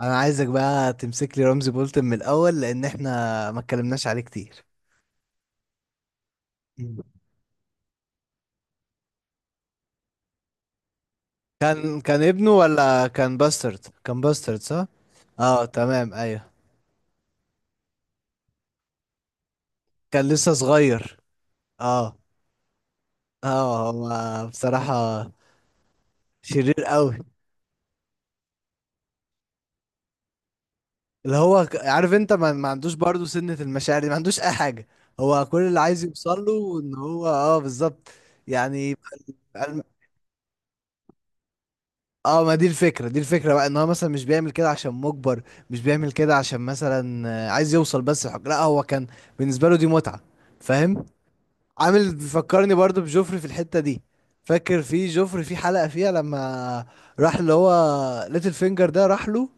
انا عايزك بقى تمسك لي رمزي بولتن من الاول، لان احنا ما اتكلمناش عليه كتير. مم. كان ابنه ولا كان باسترد؟ كان باسترد، صح. اه، تمام، ايوه. كان لسه صغير. اه. اه، هو بصراحة شرير قوي. عارف انت ما عندوش برضه سنة المشاعر دي، ما عندوش اي حاجة. هو كل اللي عايز يوصل له ان هو، اه، بالظبط. يعني. اه، ما دي الفكرة، دي الفكرة بقى، ان هو مثلا مش بيعمل كده عشان مجبر، مش بيعمل كده عشان مثلا، عايز يوصل بس الحكم، لا هو كان بالنسبة له دي متعة. فاهم. عامل، بيفكرني برضو بجوفري في الحتة دي. فاكر في جوفري في حلقة فيها لما راح اللي هو ليتل فينجر ده راح له؟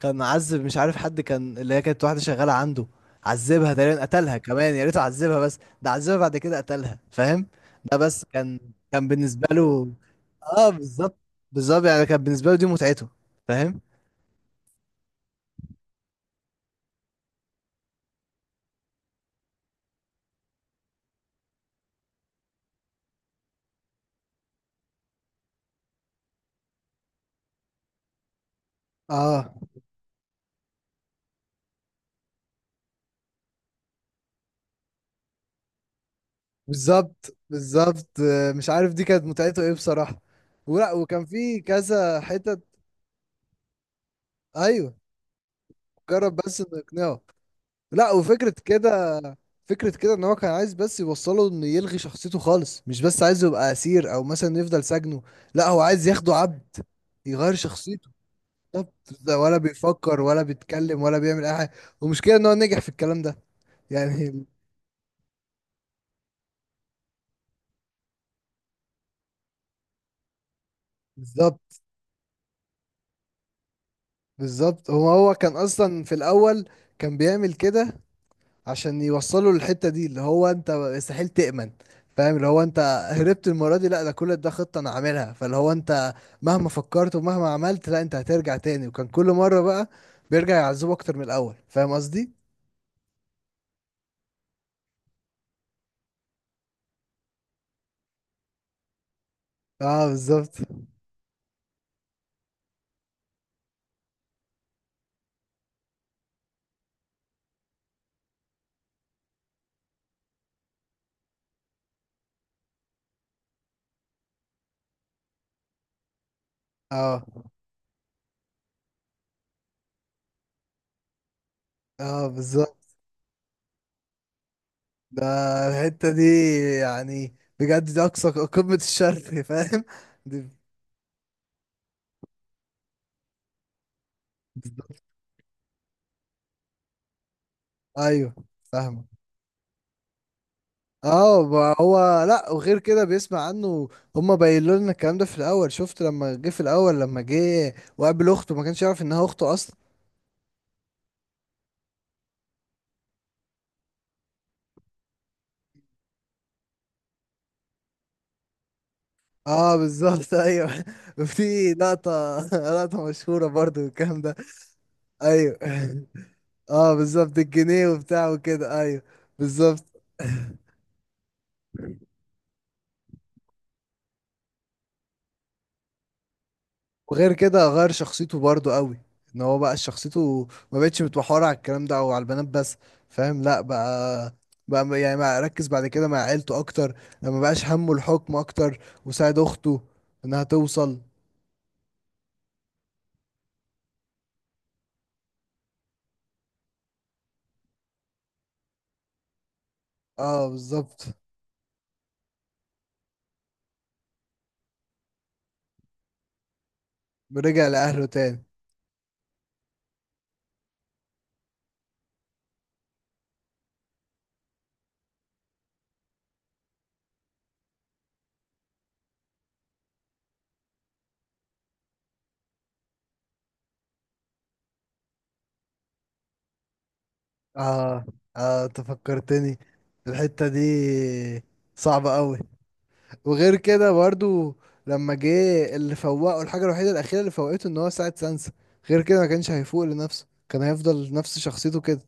كان عذب، مش عارف حد كان، اللي هي كانت واحدة شغالة عنده، عذبها تقريبا، قتلها كمان. يا ريته عذبها بس، ده عذبها بعد كده قتلها. فاهم. ده بس كان، كان بالنسبة له، اه بالظبط. بالظبط، يعني كان بالنسبة له دي متعته. فاهم. اه بالظبط. بالظبط، مش عارف دي كانت متعته ايه بصراحة. ولا وكان في كذا حتة. ايوه. جرب بس انه يقنعه. لا، وفكرة كده، فكرة كده ان هو كان عايز بس يوصله انه يلغي شخصيته خالص، مش بس عايزه يبقى اسير او مثلا يفضل سجنه. لا هو عايز ياخده عبد، يغير شخصيته. طب ده ولا بيفكر ولا بيتكلم ولا بيعمل اي حاجة. والمشكلة ان هو نجح في الكلام ده. يعني. بالظبط. بالظبط. هو كان اصلا في الاول كان بيعمل كده عشان يوصلوا للحتة دي، اللي هو انت مستحيل تأمن. فاهم، اللي هو انت هربت المرة دي، لا ده كل ده خطة انا عاملها. فاللي هو انت مهما فكرت ومهما عملت، لا انت هترجع تاني. وكان كل مرة بقى بيرجع يعذبه اكتر من الاول. فاهم قصدي؟ اه بالظبط. اه. اه بالظبط. ده الحتة دي يعني بجد دي اقصى قمة الشر. فاهم؟ دي. ايوه، فاهمك. اه، ما هو، لا وغير كده بيسمع عنه. هما بيقولوا لنا الكلام ده في الاول. شفت لما جه في الاول، لما جه وقابل اخته ما كانش يعرف انها اخته اصلا. اه بالظبط، ايوه. في لقطه، لقطه مشهوره برضو الكلام ده. ايوه. اه بالظبط، الجنيه وبتاع وكده، ايوه. بالظبط. وغير كده غير شخصيته برضو قوي. ان هو بقى شخصيته ما بقتش متمحورة على الكلام ده او على البنات بس. فاهم، لا بقى، بقى يعني بقى ركز بعد كده مع عيلته اكتر. ما بقاش همه الحكم اكتر. وساعد اخته انها توصل. اه بالظبط. رجع لاهله تاني. اه. اه، انت فكرتني الحتة دي. صعبة قوي. وغير كده برضو لما جه، اللي فوقه الحاجة الوحيدة الأخيرة اللي فوقته إن هو ساعد سانسا. غير كده ما كانش هيفوق لنفسه، كان هيفضل نفس شخصيته كده.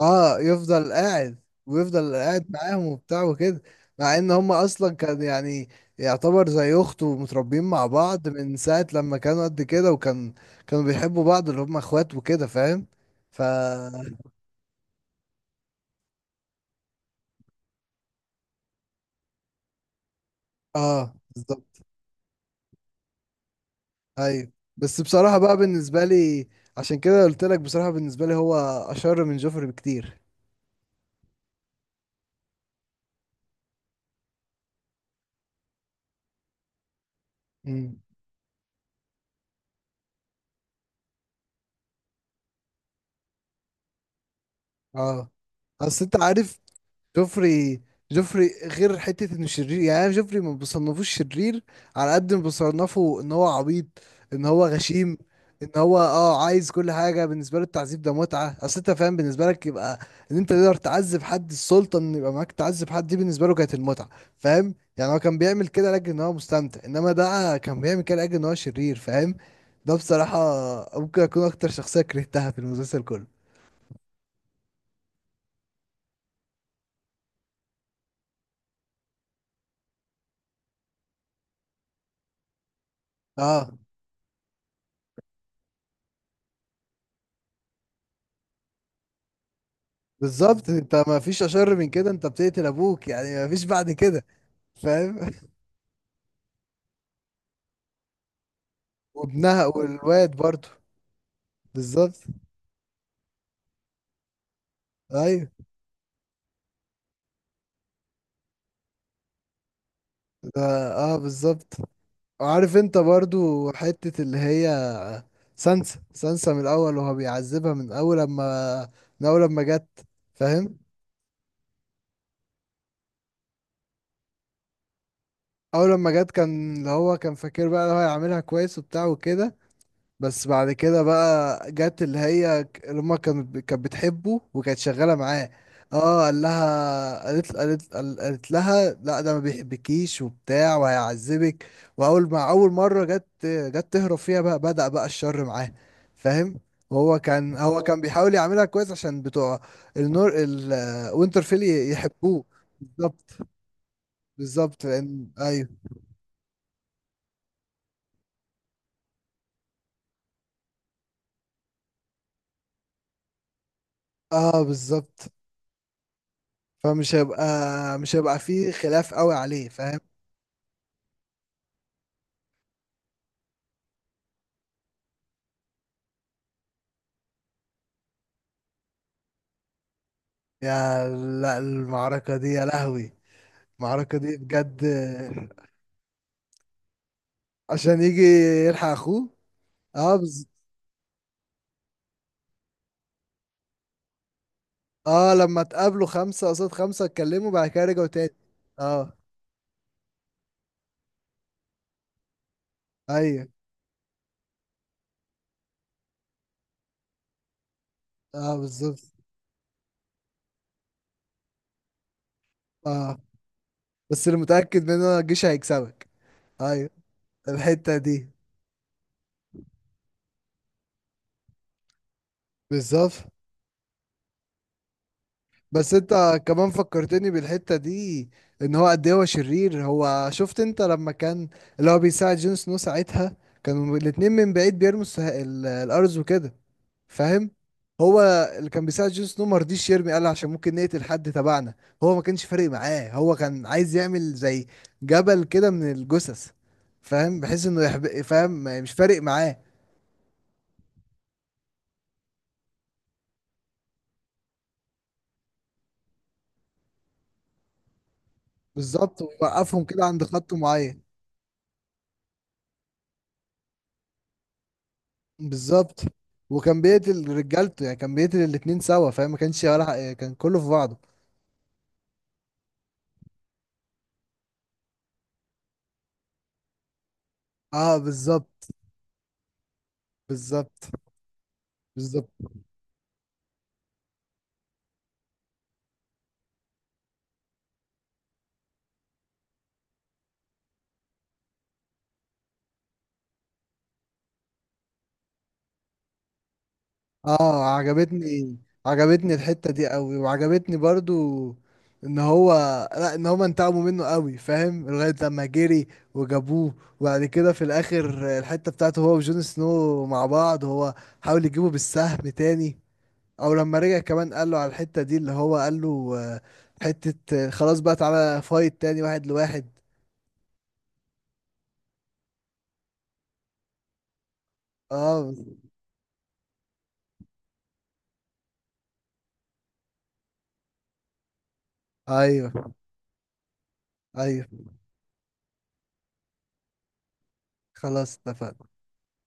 اه، يفضل قاعد، ويفضل قاعد معاهم وبتاع وكده. مع ان هم اصلا كان يعني يعتبر زي اخته، ومتربيين مع بعض من ساعة لما كانوا قد كده. وكان كانوا بيحبوا بعض اللي هم اخوات وكده. فاهم. ف، اه بالظبط. ايوه. بس بصراحة بقى بالنسبة لي، عشان كده قلت لك بصراحة، بالنسبة لي هو أشر من جوفري بكتير. امم. اه، اصل انت عارف جوفري، جوفري غير حتة انه شرير، يعني انا جوفري ما بصنفوش شرير على قد ما بصنفه ان هو عبيط، ان هو غشيم، ان هو اه عايز كل حاجة. بالنسبة له التعذيب ده متعة. اصل انت فاهم، بالنسبة لك يبقى ان انت تقدر تعذب حد، السلطة ان يبقى معاك تعذب حد، دي بالنسبة له كانت المتعة. فاهم، يعني هو كان بيعمل كده لاجل ان هو مستمتع، انما ده كان بيعمل كده لاجل ان هو شرير. فاهم. ده بصراحة ممكن اكون اكتر شخصية كرهتها في المسلسل كله. اه بالظبط. انت ما فيش اشر من كده. انت بتقتل ابوك، يعني ما فيش بعد كده. فاهم. وابنها والواد برضو. بالظبط. ايوه. ده اه بالظبط. وعارف انت برضو حتة اللي هي سانسا، سانسا من الاول وهو بيعذبها من اول لما، من اول لما جت. فاهم. اول لما جت كان، اللي هو كان فاكر بقى اللي هو هيعملها كويس وبتاع وكده. بس بعد كده بقى جت اللي هي اللي هما، كانت كانت بتحبه وكانت شغالة معاه. اه قال لها، قالت لها لا ده ما بيحبكيش وبتاع وهيعذبك. واول ما اول مرة جت جت تهرب فيها بقى بدأ بقى الشر معاه. فاهم. وهو كان، هو كان بيحاول يعملها كويس عشان بتوع النور الوينترفيل يحبوه. بالظبط. بالظبط، لان ايوه. اه بالظبط. فمش هيبقى، مش هيبقى فيه خلاف قوي عليه. فاهم. يا، لا المعركة دي يا لهوي. المعركة دي بجد. عشان يجي يلحق اخوه. اه اه لما اتقابلوا خمسة قصاد خمسة، اتكلموا بعد كده رجعوا تاني. اه. ايوه. اه بالظبط. اه. بس اللي متأكد منه إن الجيش هيكسبك. ايوه الحتة دي. بالظبط. بس انت كمان فكرتني بالحتة دي، ان هو قد ايه هو شرير. هو شفت انت لما كان اللي هو بيساعد جون سنو ساعتها، كانوا الاتنين من بعيد بيرموا الارز وكده. فاهم. هو اللي كان بيساعد جون سنو ما رضيش يرمي، قال عشان ممكن نقتل حد تبعنا. هو ما كانش فارق معاه، هو كان عايز يعمل زي جبل كده من الجثث. فاهم، بحيث انه يحب. فاهم، مش فارق معاه. بالظبط، ويوقفهم كده عند خط معين. بالظبط. وكان بيقتل رجالته، يعني كان بيقتل الاتنين سوا. فاهم، ما كانش ولا كان كله في بعضه. اه بالظبط. بالظبط. بالظبط. اه، عجبتني، عجبتني الحتة دي قوي. وعجبتني برضو ان هو، لا ان هم انتقموا منه قوي. فاهم لغاية لما جري وجابوه، وبعد كده في الاخر الحتة بتاعته هو وجون سنو مع بعض. هو حاول يجيبه بالسهم تاني، او لما رجع كمان قال له على الحتة دي اللي هو قال له، حتة، خلاص بقى تعالى فايت تاني واحد لواحد. اه. ايوه. ايوه خلاص اتفقنا.